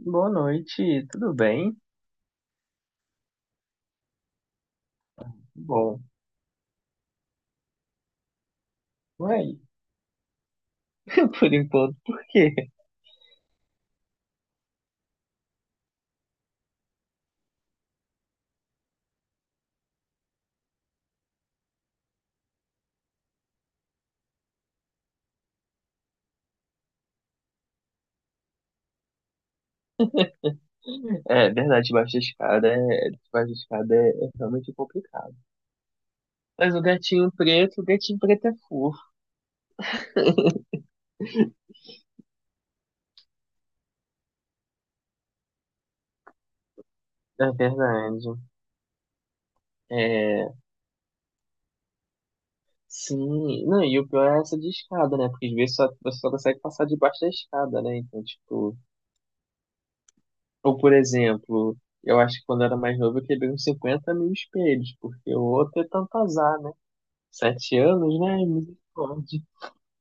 Boa noite, tudo bem? Bom, ué, por enquanto, por quê? É verdade, debaixo da escada é, é realmente complicado. Mas o gatinho preto é fofo. É verdade. É, sim, não, e o pior é essa de escada, né? Porque às vezes só, você só consegue passar debaixo da escada, né? Então, tipo, ou por exemplo, eu acho que quando eu era mais novo eu quebrei uns 50 mil espelhos, porque o outro é tanto azar, né? 7 anos, né? Misericórdia.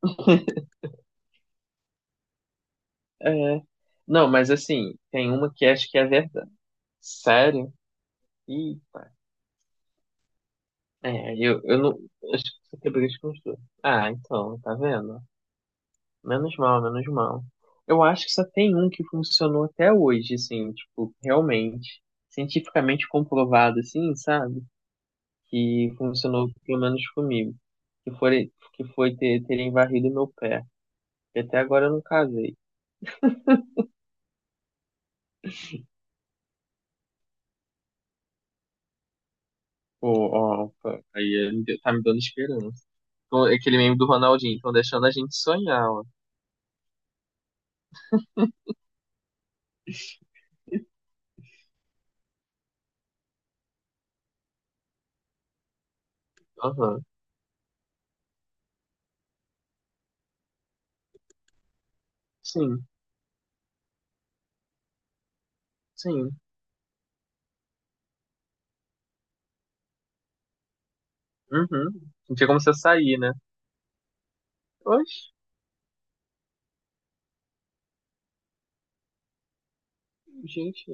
É. Não, mas assim, tem uma que acho que é verdade. Sério? Eita. É, eu não. Acho que você quebrou de construir. Ah, então, tá vendo? Menos mal, menos mal. Eu acho que só tem um que funcionou até hoje, assim, tipo, realmente. Cientificamente comprovado, assim, sabe? Que funcionou pelo menos comigo. Que foi terem varrido meu pé. E até agora eu não casei. Pô, ó, opa, tá me dando esperança. Então, é aquele meme do Ronaldinho, estão deixando a gente sonhar, ó. Aham. Sim, sim. Uhum. Não tinha como você sair, né? Oxe, gente.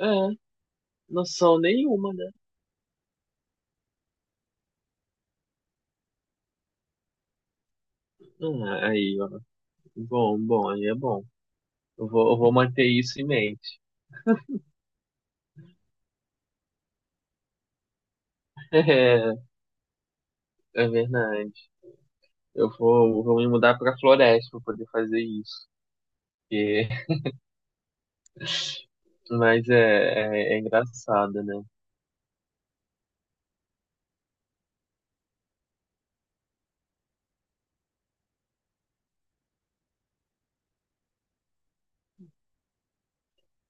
É, noção nenhuma, né? Ah, aí, ó. Bom, bom, aí é bom. Eu vou manter isso em mente. É, é verdade. Eu vou me mudar pra floresta pra poder fazer isso. Porque- Mas é engraçado, né?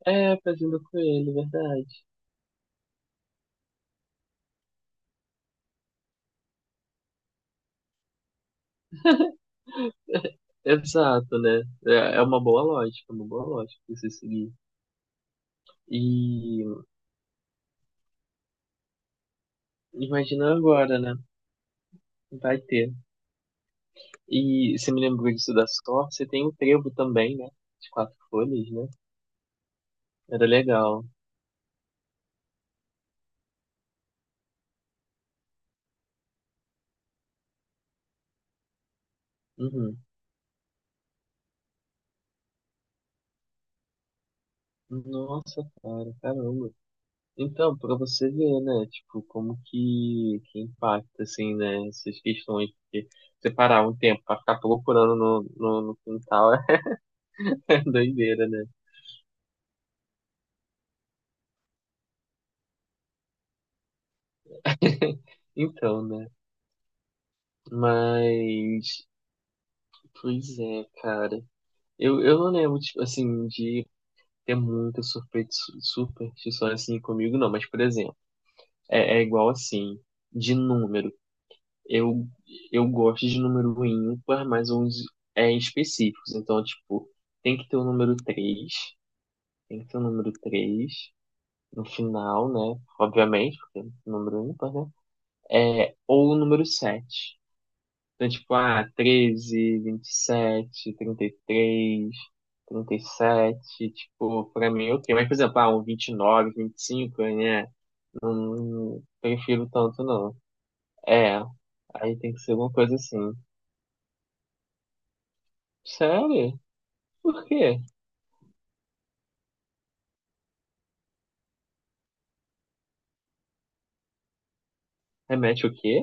É, fazendo com ele, verdade. Exato, né? É uma boa lógica, é uma boa lógica de você seguir. E imagina agora, né? Vai ter. E você me lembrou disso da sorte, tem o trevo também, né? De quatro folhas, né? Era legal. Uhum. Nossa, cara, caramba. Então, pra você ver, né? Tipo, como que impacta, assim, né? Essas questões. Porque separar um tempo pra ficar procurando no quintal é doideira, né? Então, né? Mas. Pois é, cara. Eu não lembro, tipo, assim, de ter muita superstição assim comigo, não. Mas, por exemplo, é, é igual assim, de número. Eu, eu gosto de número ímpar, mas uns é, específicos. Então, tipo, tem que ter o número 3 Tem que ter o número 3 no final, né? Obviamente, porque é número ímpar, né? É, ou o número sete. Então, tipo, ah, treze vinte e sete trinta e três trinta e sete tipo, pra mim, ok. Mas, por exemplo, ah, um vinte vinte e nove vinte e cinco, né? Não, não prefiro tanto, não. É, aí tem que ser alguma coisa assim. Sério? Por quê? Remete o quê?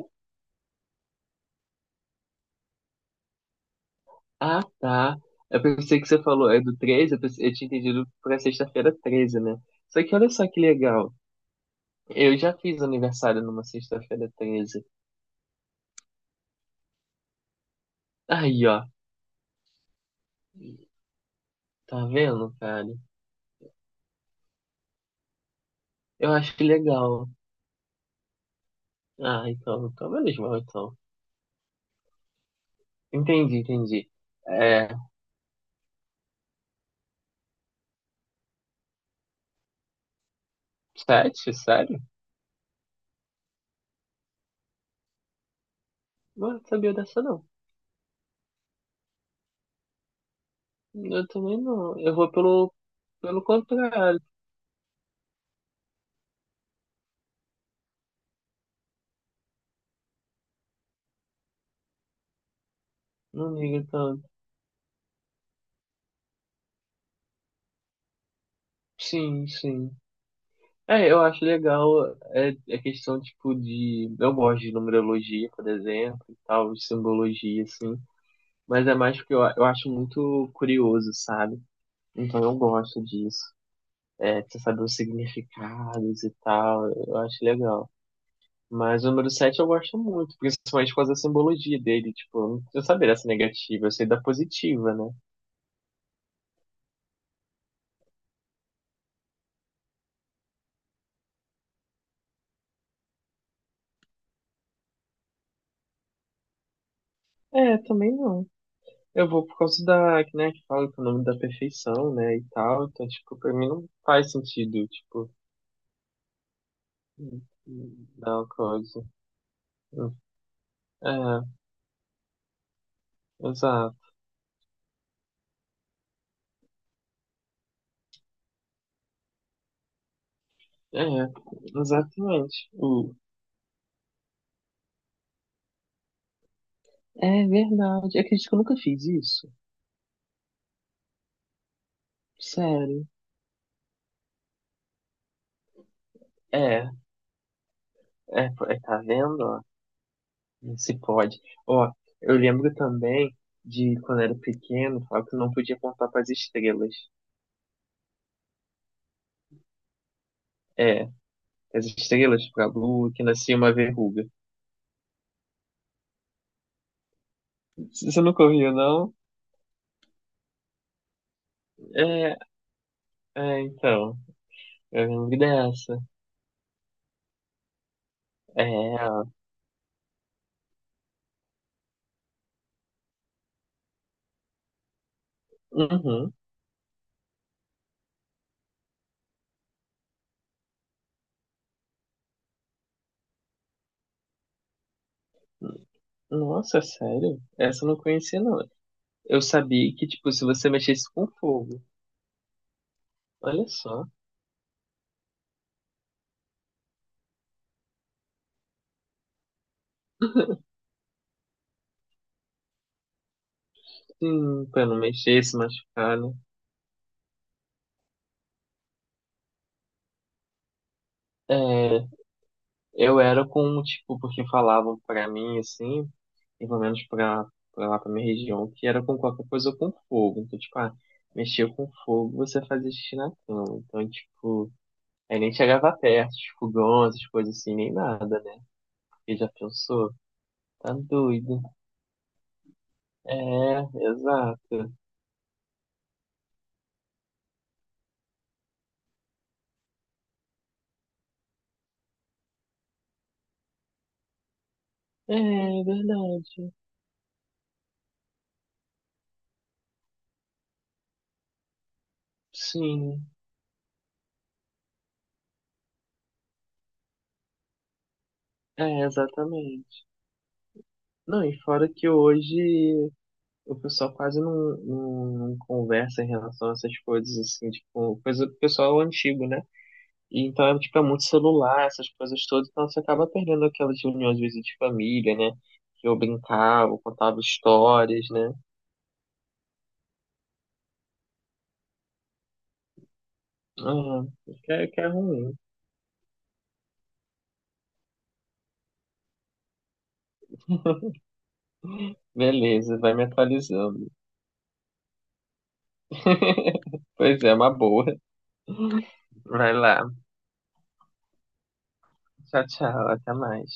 Ah, tá. Eu pensei que você falou, é do 13 eu, pensei, eu tinha entendido pra sexta-feira 13, né? Só que olha só que legal. Eu já fiz aniversário numa sexta-feira 13. Aí, ó. Tá vendo, cara? Eu acho que legal. Ah, então menos mal, então. Entendi, entendi. É, sete, sério? Não sabia dessa, não. Eu também não. Eu vou pelo contrário. Não ligo tanto. Sim, sim. É, eu acho legal, é, é questão, tipo, de... Eu gosto de numerologia, por exemplo, e tal, de simbologia, assim. Mas é mais porque eu acho muito curioso, sabe? Então eu gosto disso. É, de você saber os significados e tal, eu acho legal. Mas o número 7 eu gosto muito, principalmente por causa da simbologia dele. Tipo, eu não preciso saber dessa negativa, eu sei da positiva, né? É, também não. Eu vou por causa da, que, né, que fala que é o nome da perfeição, né, e tal. Então, tipo, pra mim não faz sentido, tipo, dar uma coisa. É, exato. É, exatamente. O- É verdade. Eu acredito que eu nunca fiz isso. Sério. É, é, é, tá vendo? Não se pode. Ó, eu lembro também de quando era pequeno, falar que não podia contar para as estrelas. É, as estrelas para a lua, que nascia uma verruga. Você nunca ouviu, não? É, é, então. Eu lembro dessa. É, uhum. Nossa, sério? Essa eu não conhecia, não. Eu sabia que, tipo, se você mexesse com fogo, olha só. Sim, pra não mexer, se machucar, né? É, eu era com, tipo, porque falavam pra mim, assim, e pelo menos pra lá, pra minha região, que era com qualquer coisa ou com fogo. Então, tipo, ah, mexia com fogo, você fazia xixi na cama. Então, tipo, aí nem chegava perto, de fogão, essas coisas assim, nem nada, né? Porque já pensou? Tá doido. É, exato. É, é verdade. Sim, é, exatamente. Não, e fora que hoje o pessoal quase não, não, não conversa em relação a essas coisas, assim, tipo, coisa do pessoal antigo, né? E então, é, tipo, é muito celular, essas coisas todas, então você acaba perdendo aquelas reuniões, às vezes, de família, né? Que eu brincava, eu contava histórias, né? Uhum. Que é ruim. Beleza, vai me atualizando. Pois é, é uma boa. Vai lá. Tchau, tchau, até mais.